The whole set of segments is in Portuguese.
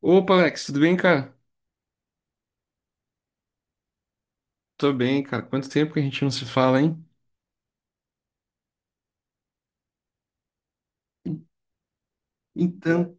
Opa, Alex, tudo bem, cara? Tô bem, cara. Quanto tempo que a gente não se fala, hein? Então,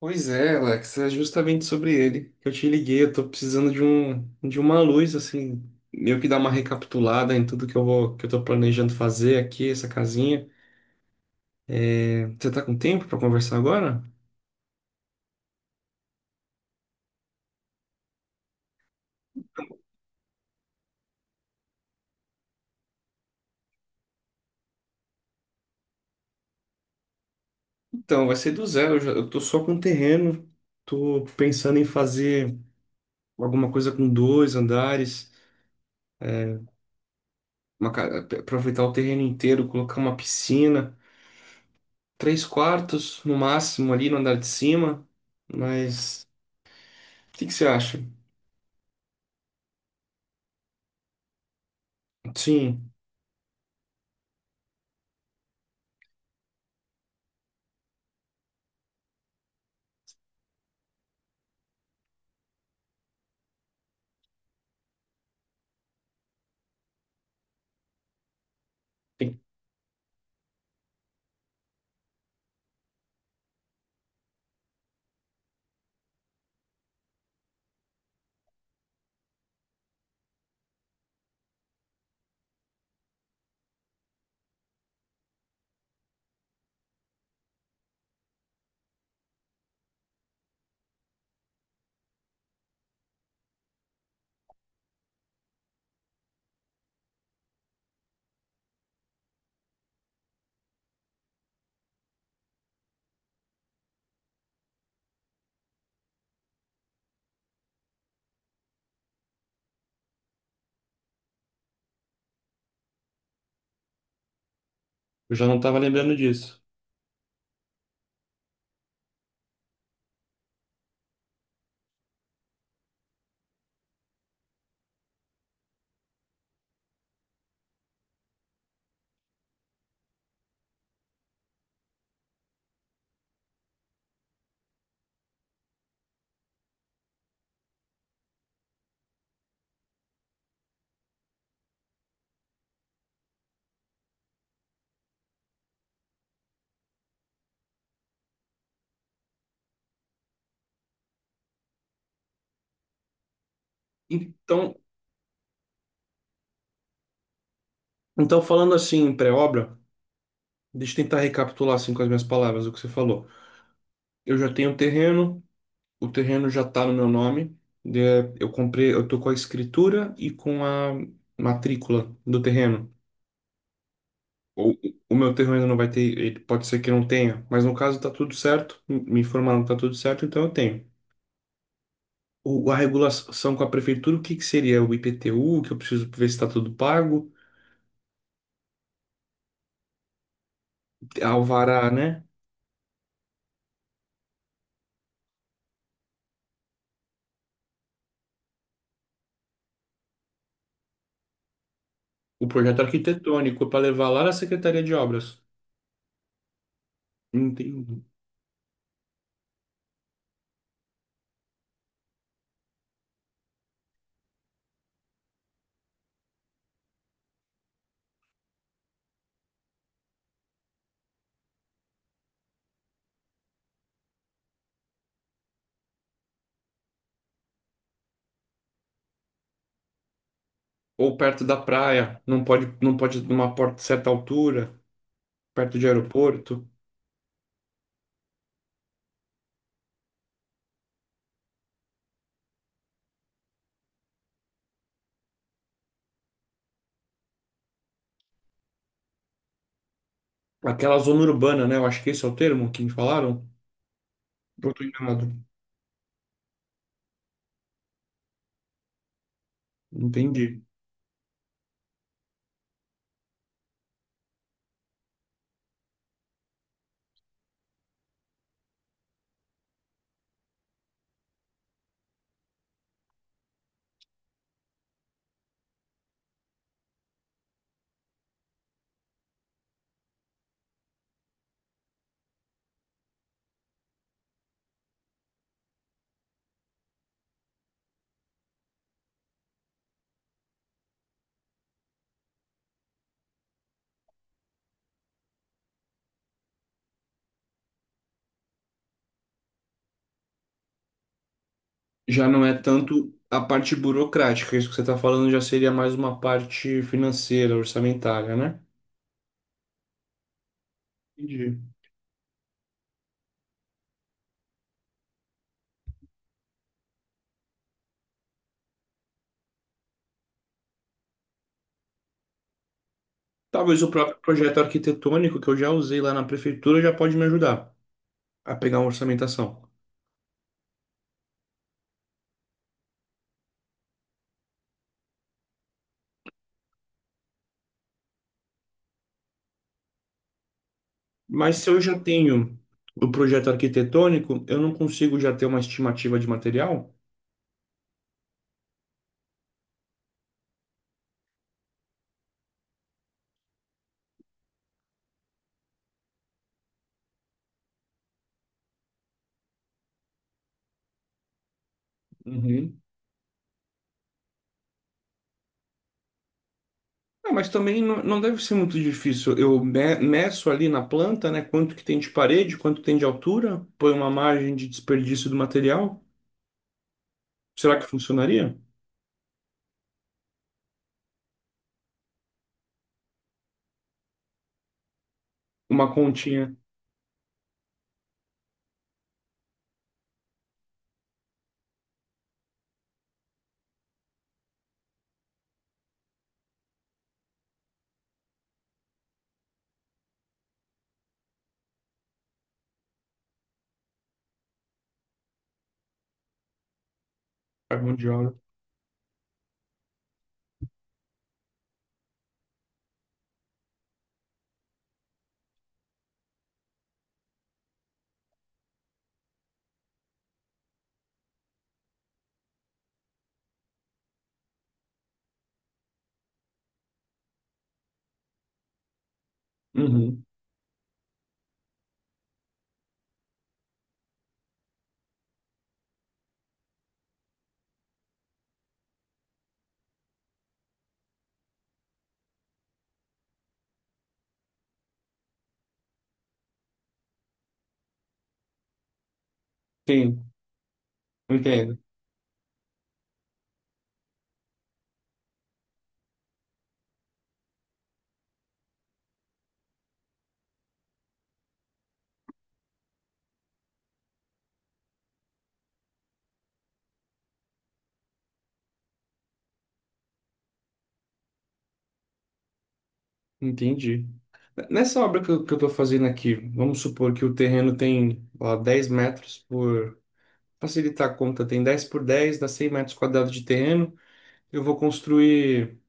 Pois é, Alex, é justamente sobre ele que eu te liguei. Eu tô precisando de uma luz, assim, meio que dar uma recapitulada em tudo que que eu tô planejando fazer aqui, essa casinha. É, você tá com tempo pra conversar agora? Então, vai ser do zero. Eu tô só com terreno. Tô pensando em fazer alguma coisa com dois andares, aproveitar o terreno inteiro, colocar uma piscina. Três quartos no máximo ali no andar de cima, mas o que que você acha? Sim, tem- eu já não estava lembrando disso. Então, então falando assim em pré-obra, deixa eu tentar recapitular assim com as minhas palavras o que você falou. Eu já tenho o terreno já está no meu nome, né, eu comprei, eu tô com a escritura e com a matrícula do terreno. O, o meu terreno ainda não vai ter, ele pode ser que não tenha, mas no caso tá tudo certo, me informaram que tá tudo certo, então eu tenho. O, a regulação com a prefeitura, o que que seria o IPTU, que eu preciso ver se está tudo pago, alvará, né? O projeto arquitetônico para levar lá na Secretaria de Obras. Entendi. Ou perto da praia, não pode, não pode numa porta, certa altura, perto de aeroporto. Aquela zona urbana, né? Eu acho que esse é o termo que me falaram. Eu tô enganado. Entendi. Já não é tanto a parte burocrática, isso que você está falando já seria mais uma parte financeira, orçamentária, né? Entendi. Talvez o próprio projeto arquitetônico que eu já usei lá na prefeitura já pode me ajudar a pegar uma orçamentação. Mas se eu já tenho o projeto arquitetônico, eu não consigo já ter uma estimativa de material? Uhum. Ah, mas também não, não deve ser muito difícil. Meço ali na planta, né, quanto que tem de parede, quanto tem de altura, põe uma margem de desperdício do material. Será que funcionaria? Uma continha, a mão de obra. Uhum. Sim, entendo. Entendi. Nessa obra que eu tô fazendo aqui, vamos supor que o terreno tem ó, 10 metros por. Facilitar a conta, tem 10 por 10 dá 100 metros quadrados de terreno. Eu vou construir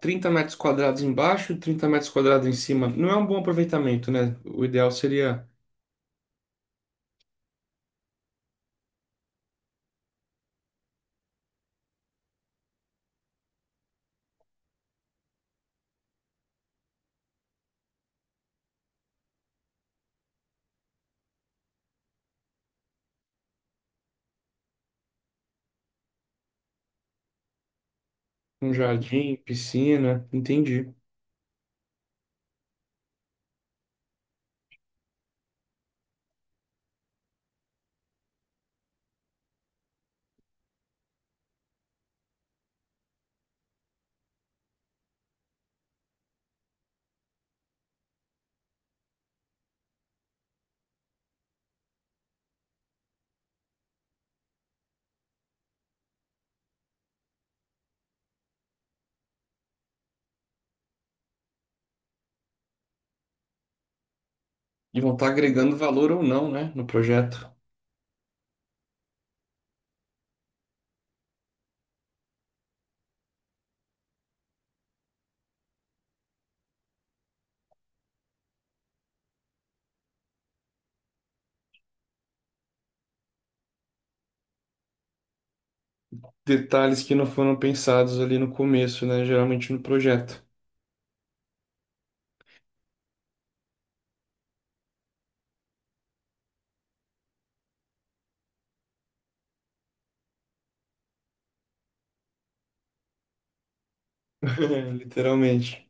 30 metros quadrados embaixo e 30 metros quadrados em cima. Não é um bom aproveitamento, né? O ideal seria um jardim, piscina, entendi. E vão estar agregando valor ou não, né, no projeto. Detalhes que não foram pensados ali no começo, né? Geralmente no projeto. Literalmente.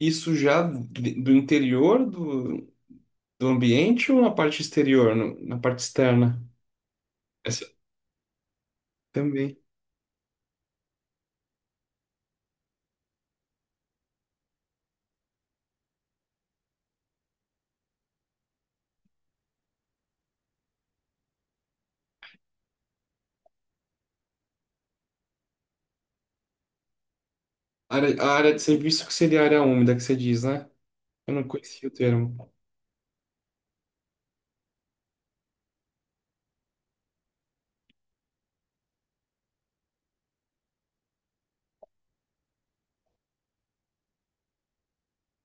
Isso já do interior do, do ambiente ou na parte exterior, na parte externa? Essa também. A área de serviço que seria a área úmida que você diz, né? Eu não conhecia o termo.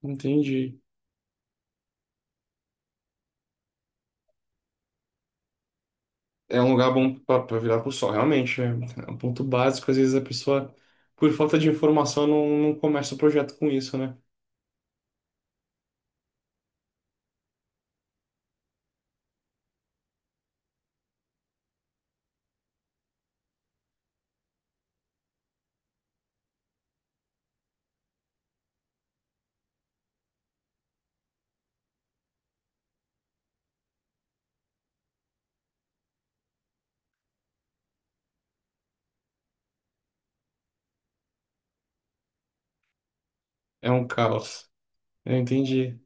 Entendi. É um lugar bom para virar pro sol, realmente. É, é um ponto básico. Às vezes a pessoa, por falta de informação, não, não começa o projeto com isso, né? É um caos. Eu entendi.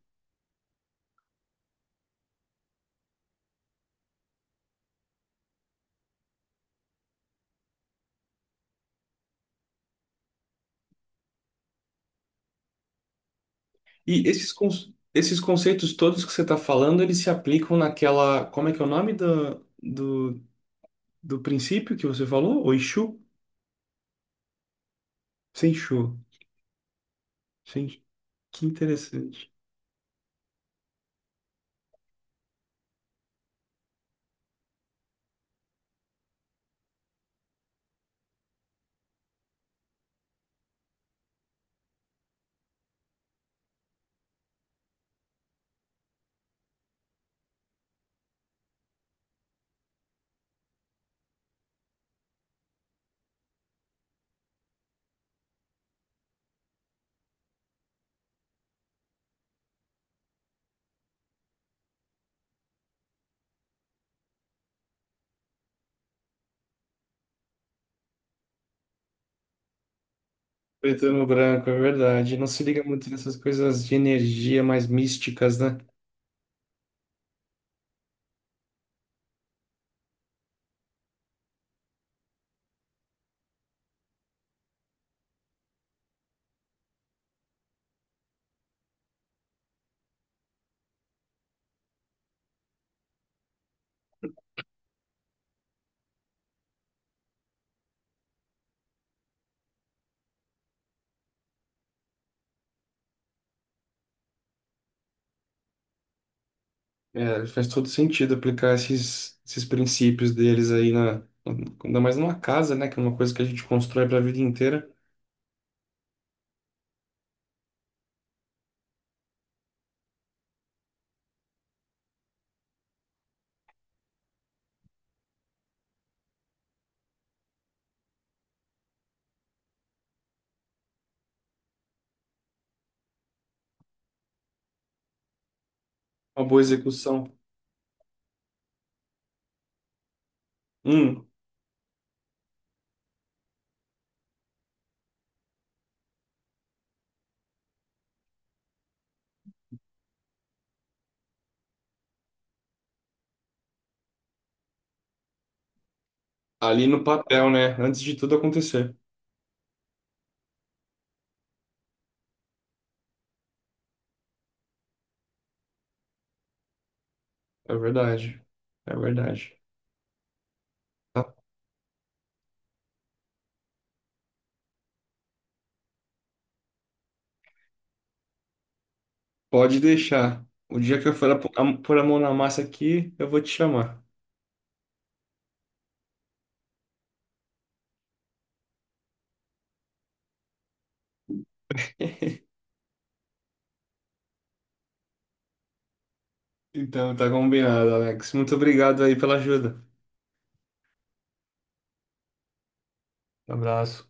E esses, con- esses conceitos todos que você está falando, eles se aplicam naquela. Como é que é o nome do do princípio que você falou? O Exu? Senshu. Gente, que interessante. Preto no branco, é verdade. Não se liga muito nessas coisas de energia mais místicas, né? É, faz todo sentido aplicar esses princípios deles aí na, ainda mais numa casa, né? Que é uma coisa que a gente constrói para a vida inteira. Uma boa execução. Hum, ali no papel, né? Antes de tudo acontecer. É verdade. É verdade. Tá? Pode deixar. O dia que eu for pôr a mão na massa aqui, eu vou te chamar. Então, tá combinado, Alex. Muito obrigado aí pela ajuda. Abraço.